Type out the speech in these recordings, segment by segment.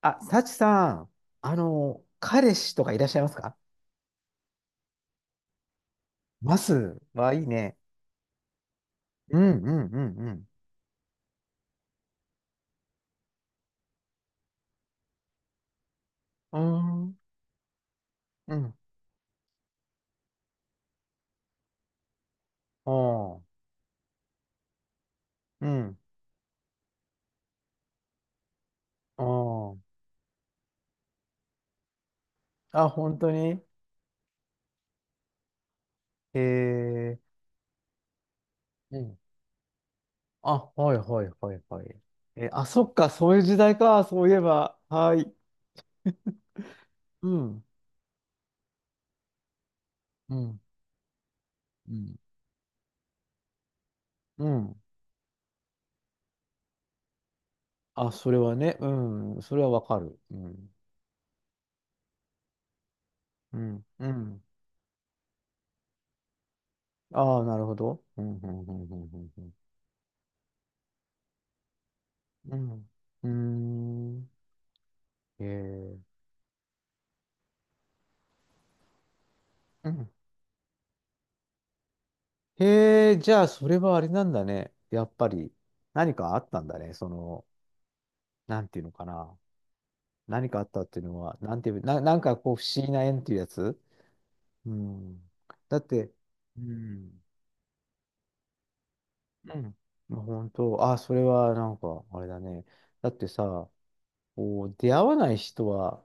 あ、サチさん、彼氏とかいらっしゃいますか？ますはいいね。うん、うん、うん、うん。うーん、うん、あー、うん、あー、あ、本当に。えー、うん。あ、はい、はい、はい、はい。えー、あ、そっか、そういう時代か、そういえば。はい。うん、うん、うん、うん。あ、それはね、うん、それはわかる。うん、うん、うん。ああ、なるほど。うん、うん、うん、うん、うん。うん。うん。うーん。へえ。うん。へえ、じゃあ、それはあれなんだね。やっぱり、何かあったんだね。その、なんていうのかな。何かあったっていうのは、なんていう、な、なんかこう、不思議な縁っていうやつ。うん。だって、うん。うん。まあ、本当、あ、それはなんか、あれだね。だってさ、こう、出会わない人は、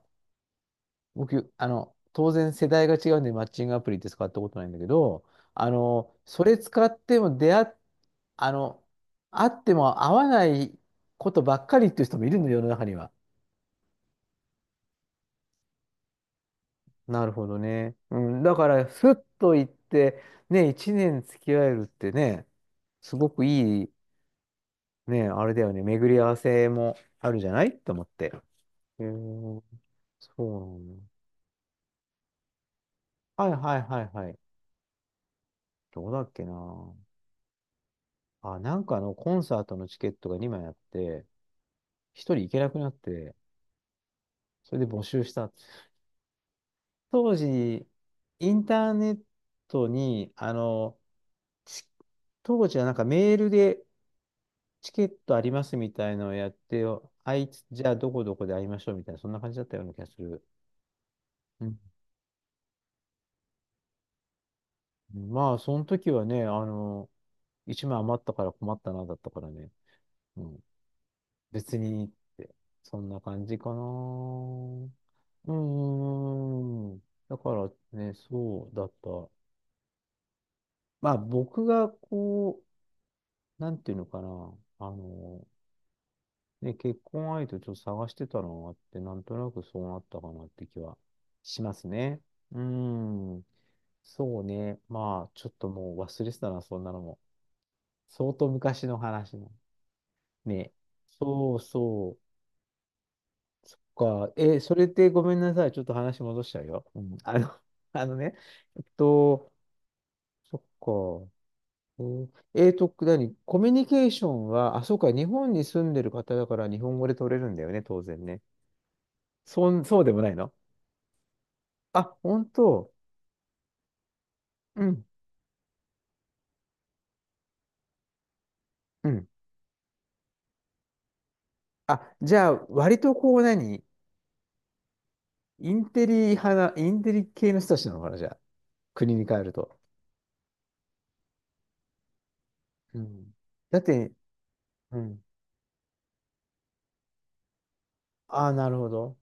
僕、当然世代が違うんで、マッチングアプリって使ったことないんだけど、あの、それ使っても出会っあの、あっても合わないことばっかりっていう人もいるの、世の中には。なるほどね。うん、だから、ふっと行って、ね、一年付き合えるってね、すごくいい、ね、あれだよね、巡り合わせもあるじゃないと思って。へえ、そうなんだ。はいはいはいはい。どうだっけな。あ、コンサートのチケットが2枚あって、1人行けなくなって、それで募集した。当時、インターネットに、ち当時はなんかメールでチケットありますみたいのをやって、あいつ、じゃあどこどこで会いましょうみたいな、そんな感じだったような気がする。うん、まあ、その時はね、1枚余ったから困ったな、だったからね。うん、別にって、そんな感じかな。うーん。だからね、そうだった。まあ僕がこう、なんていうのかな。あので、結婚相手をちょっと探してたのがあって、なんとなくそうなったかなって気はしますね。うーん。そうね。まあ、ちょっともう忘れてたな、そんなのも。相当昔の話の。ね。そうそう。そっか。え、それってごめんなさい。ちょっと話戻しちゃうよ。うん。あのね。えっと、そっか。何コミュニケーションは、あ、そうか、日本に住んでる方だから日本語で取れるんだよね、当然ね。そうでもないの？あ、本当。うん。うん。あ、じゃあ、割とこう何、インテリ派な、インテリ系の人たちなのかな、じゃあ。国に帰ると。うん。だって、うん。ああ、なるほど。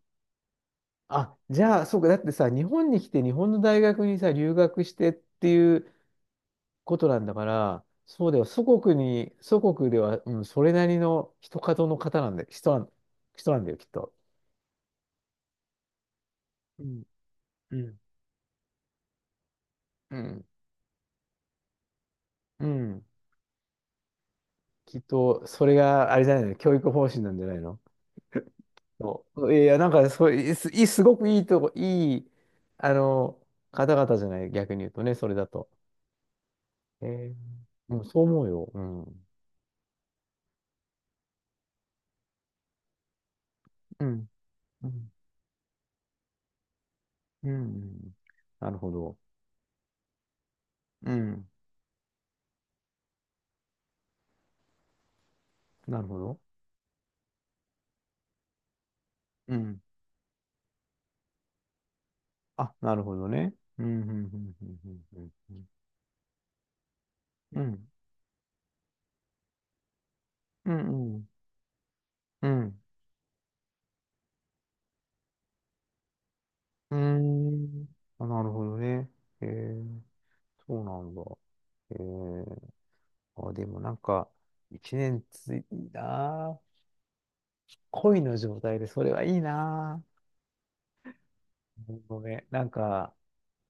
あ、じゃあ、そうか。だってさ、日本に来て日本の大学にさ、留学してっていうことなんだから、そうだよ。祖国に、祖国では、うん、それなりの人角の方なんだ、人なんだよ、きっと。うん。うん。うん。うん。きっと、それがあれじゃないの、教育方針なんじゃないの？そう。いや、なんか、そう、いすいいすごくいいとこ、あの、方々じゃない、逆に言うとね、それだと。えー、うん、そう思うよ。うん。うん。うん。うん。なるほど。うん。なるほど。うん。あ、なるほどね。うん。うん。うん。うん。うん。うん。うん。うん。あ、なるほどね。えー、そうなんだ。えー、あ、でもなんか、一年ついたな。恋の状態で、それはいいなぁ。ごめん。なんか、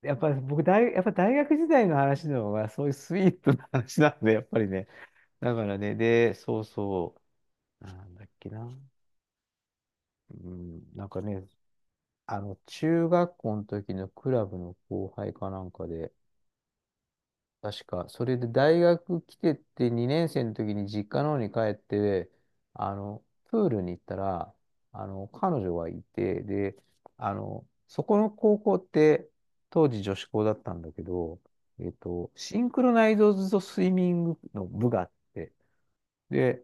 やっぱりやっぱ大学時代の話の方が、そういうスイートな話なんで、やっぱりね。だからね、で、そうそう、なんだっけな。うん、なんかね、中学校の時のクラブの後輩かなんかで、確か。それで大学来てって2年生の時に実家の方に帰って、プールに行ったら、彼女がいて、で、そこの高校って、当時女子校だったんだけど、シンクロナイズドスイミングの部があって、で、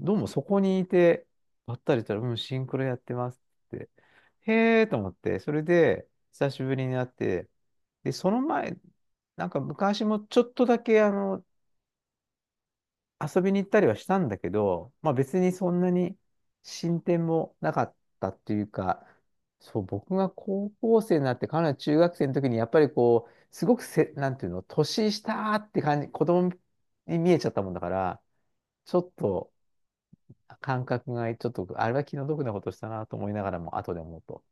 どうもそこにいて、ばったりしたら、うん、シンクロやってますって。へえと思って、それで、久しぶりに会って、で、その前、なんか昔もちょっとだけ、遊びに行ったりはしたんだけど、まあ別にそんなに進展もなかったっていうか、そう、僕が高校生になって、かなり中学生の時に、やっぱりこう、すごくせ、なんていうの、年下って感じ、子供に見えちゃったもんだから、ちょっと、感覚がちょっと、あれは気の毒なことしたなと思いながらも、後で思うと。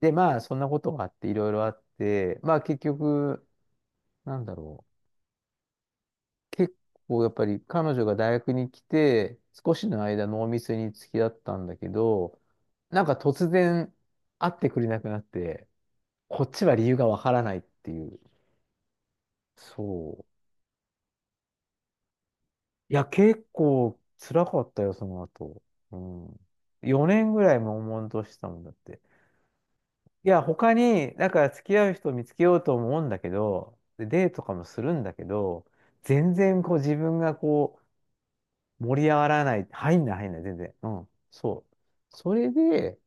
で、まあ、そんなことがあって、いろいろあって、まあ、結局、なんだろう。結構、やっぱり彼女が大学に来て、少しの間、濃密に付き合ったんだけど、なんか突然、会ってくれなくなって、こっちは理由がわからないっていう。そう。いや、結構、辛かったよ、その後。うん。4年ぐらい悶々としたもんだって。いや、他に、だから付き合う人を見つけようと思うんだけど、でデートとかもするんだけど、全然こう自分がこう盛り上がらない、入んない入んない、全然。うん、そう。それで、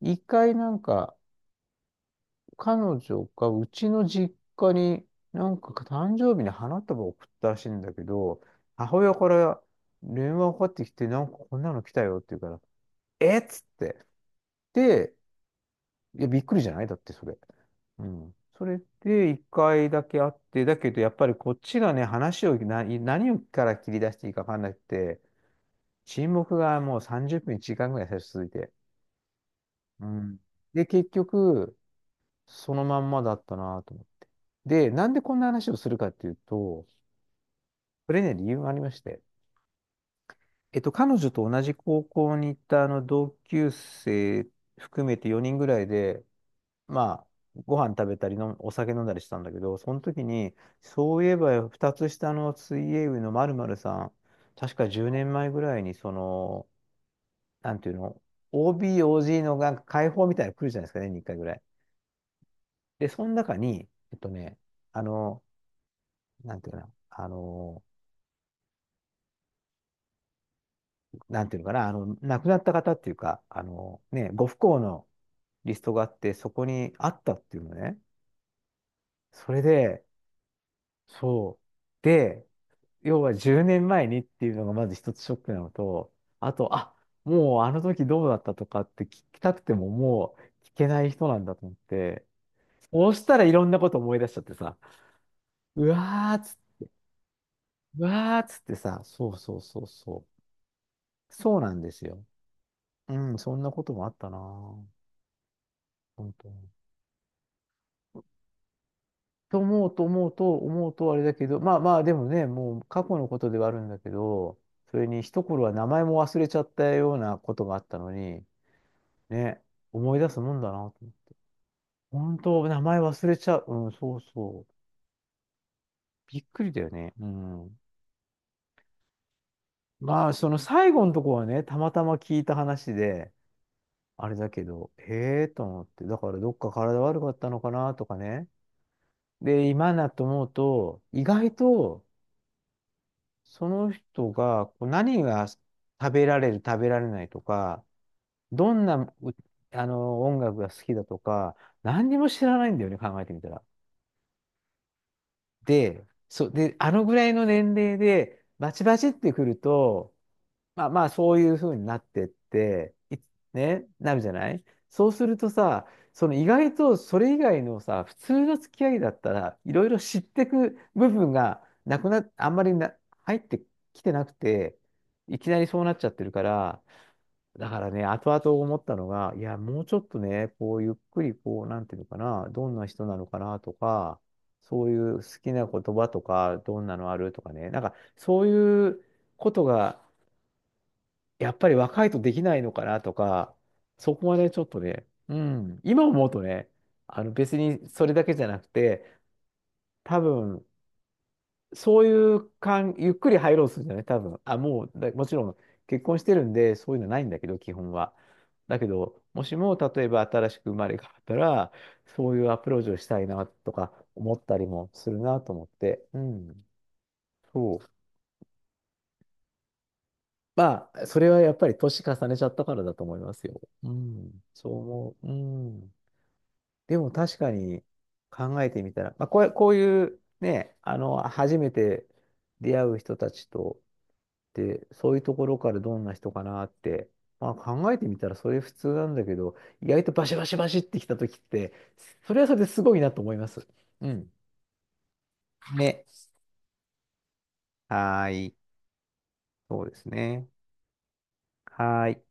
一回なんか、彼女がうちの実家に、なんか誕生日に花束を送ったらしいんだけど、母親から電話がかかってきて、なんかこんなの来たよって言うから、えっつって。で、いや、びっくりじゃないだってそれ。うん。それで一回だけ会って、だけどやっぱりこっちがね、話をな、何をから切り出していいか分かんなくて、沈黙がもう30分、1時間ぐらい最初続いて。うん。で、結局、そのまんまだったなと思って。で、なんでこんな話をするかっていうと、これね、理由がありまして、彼女と同じ高校に行ったあの同級生含めて4人ぐらいで、まあ、ご飯食べたりの、お酒飲んだりしたんだけど、その時に、そういえば2つ下の水泳部の〇〇さん、確か10年前ぐらいに、その、なんていうの、OB、OG のなんか解放みたいなの来るじゃないですかね、2回ぐらい。で、その中に、えっとね、あの、なんていうかな、あの、なんていうのかな、あの、亡くなった方っていうか、あの、ね、ご不幸のリストがあって、そこにあったっていうのね。それで、そう。で、要は10年前にっていうのがまず一つショックなのと、あと、あ、もうあの時どうだったとかって聞きたくてももう聞けない人なんだと思って、そうしたらいろんなこと思い出しちゃってさ、うわーつ、うわーつってさ、そうそうそうそう。そうなんですよ。うん、そんなこともあったなぁ。本当に。と思うとあれだけど、まあまあでもね、もう過去のことではあるんだけど、それに一頃は名前も忘れちゃったようなことがあったのに、ね、思い出すもんだなと思う。本当、名前忘れちゃう。うん、そうそう。びっくりだよね。うん。まあ、その最後のとこはね、たまたま聞いた話で、あれだけど、へえと思って、だからどっか体悪かったのかなとかね。で、今だな思うと、意外と、その人がこう何が食べられる、食べられないとか、どんなうあの音楽が好きだとか、何にも知らないんだよね、考えてみたら。で、そう、で、あのぐらいの年齢で、バチバチってくると、まあまあ、そういうふうになってって、なるじゃない？そうするとさ、その意外とそれ以外のさ、普通の付き合いだったら、いろいろ知ってく部分がなくな、あんまりな、入ってきてなくて、いきなりそうなっちゃってるから、だからね、後々思ったのが、いや、もうちょっとね、こう、ゆっくり、こう、なんていうのかな、どんな人なのかなとか、そういう好きな言葉とか、どんなのあるとかね、なんか、そういうことが、やっぱり若いとできないのかなとか、そこはね、ちょっとね、うん、今思うとね、別にそれだけじゃなくて、多分、そういう感、ゆっくり入ろうとするんじゃない多分。あ、もう、だもちろん結婚してるんで、そういうのないんだけど、基本は。だけど、もしも、例えば新しく生まれ変わったら、そういうアプローチをしたいなとか思ったりもするなと思って。うん。そう。まあ、それはやっぱり年重ねちゃったからだと思いますよ。うん。そう思う。うん。でも確かに考えてみたら、まあ、こう、こういうね、初めて出会う人たちと、で、そういうところからどんな人かなって、まあ考えてみたらそれ普通なんだけど、意外とバシバシバシってきた時って、それはそれですごいなと思います。うん。ね。はーい。そうですね。はーい。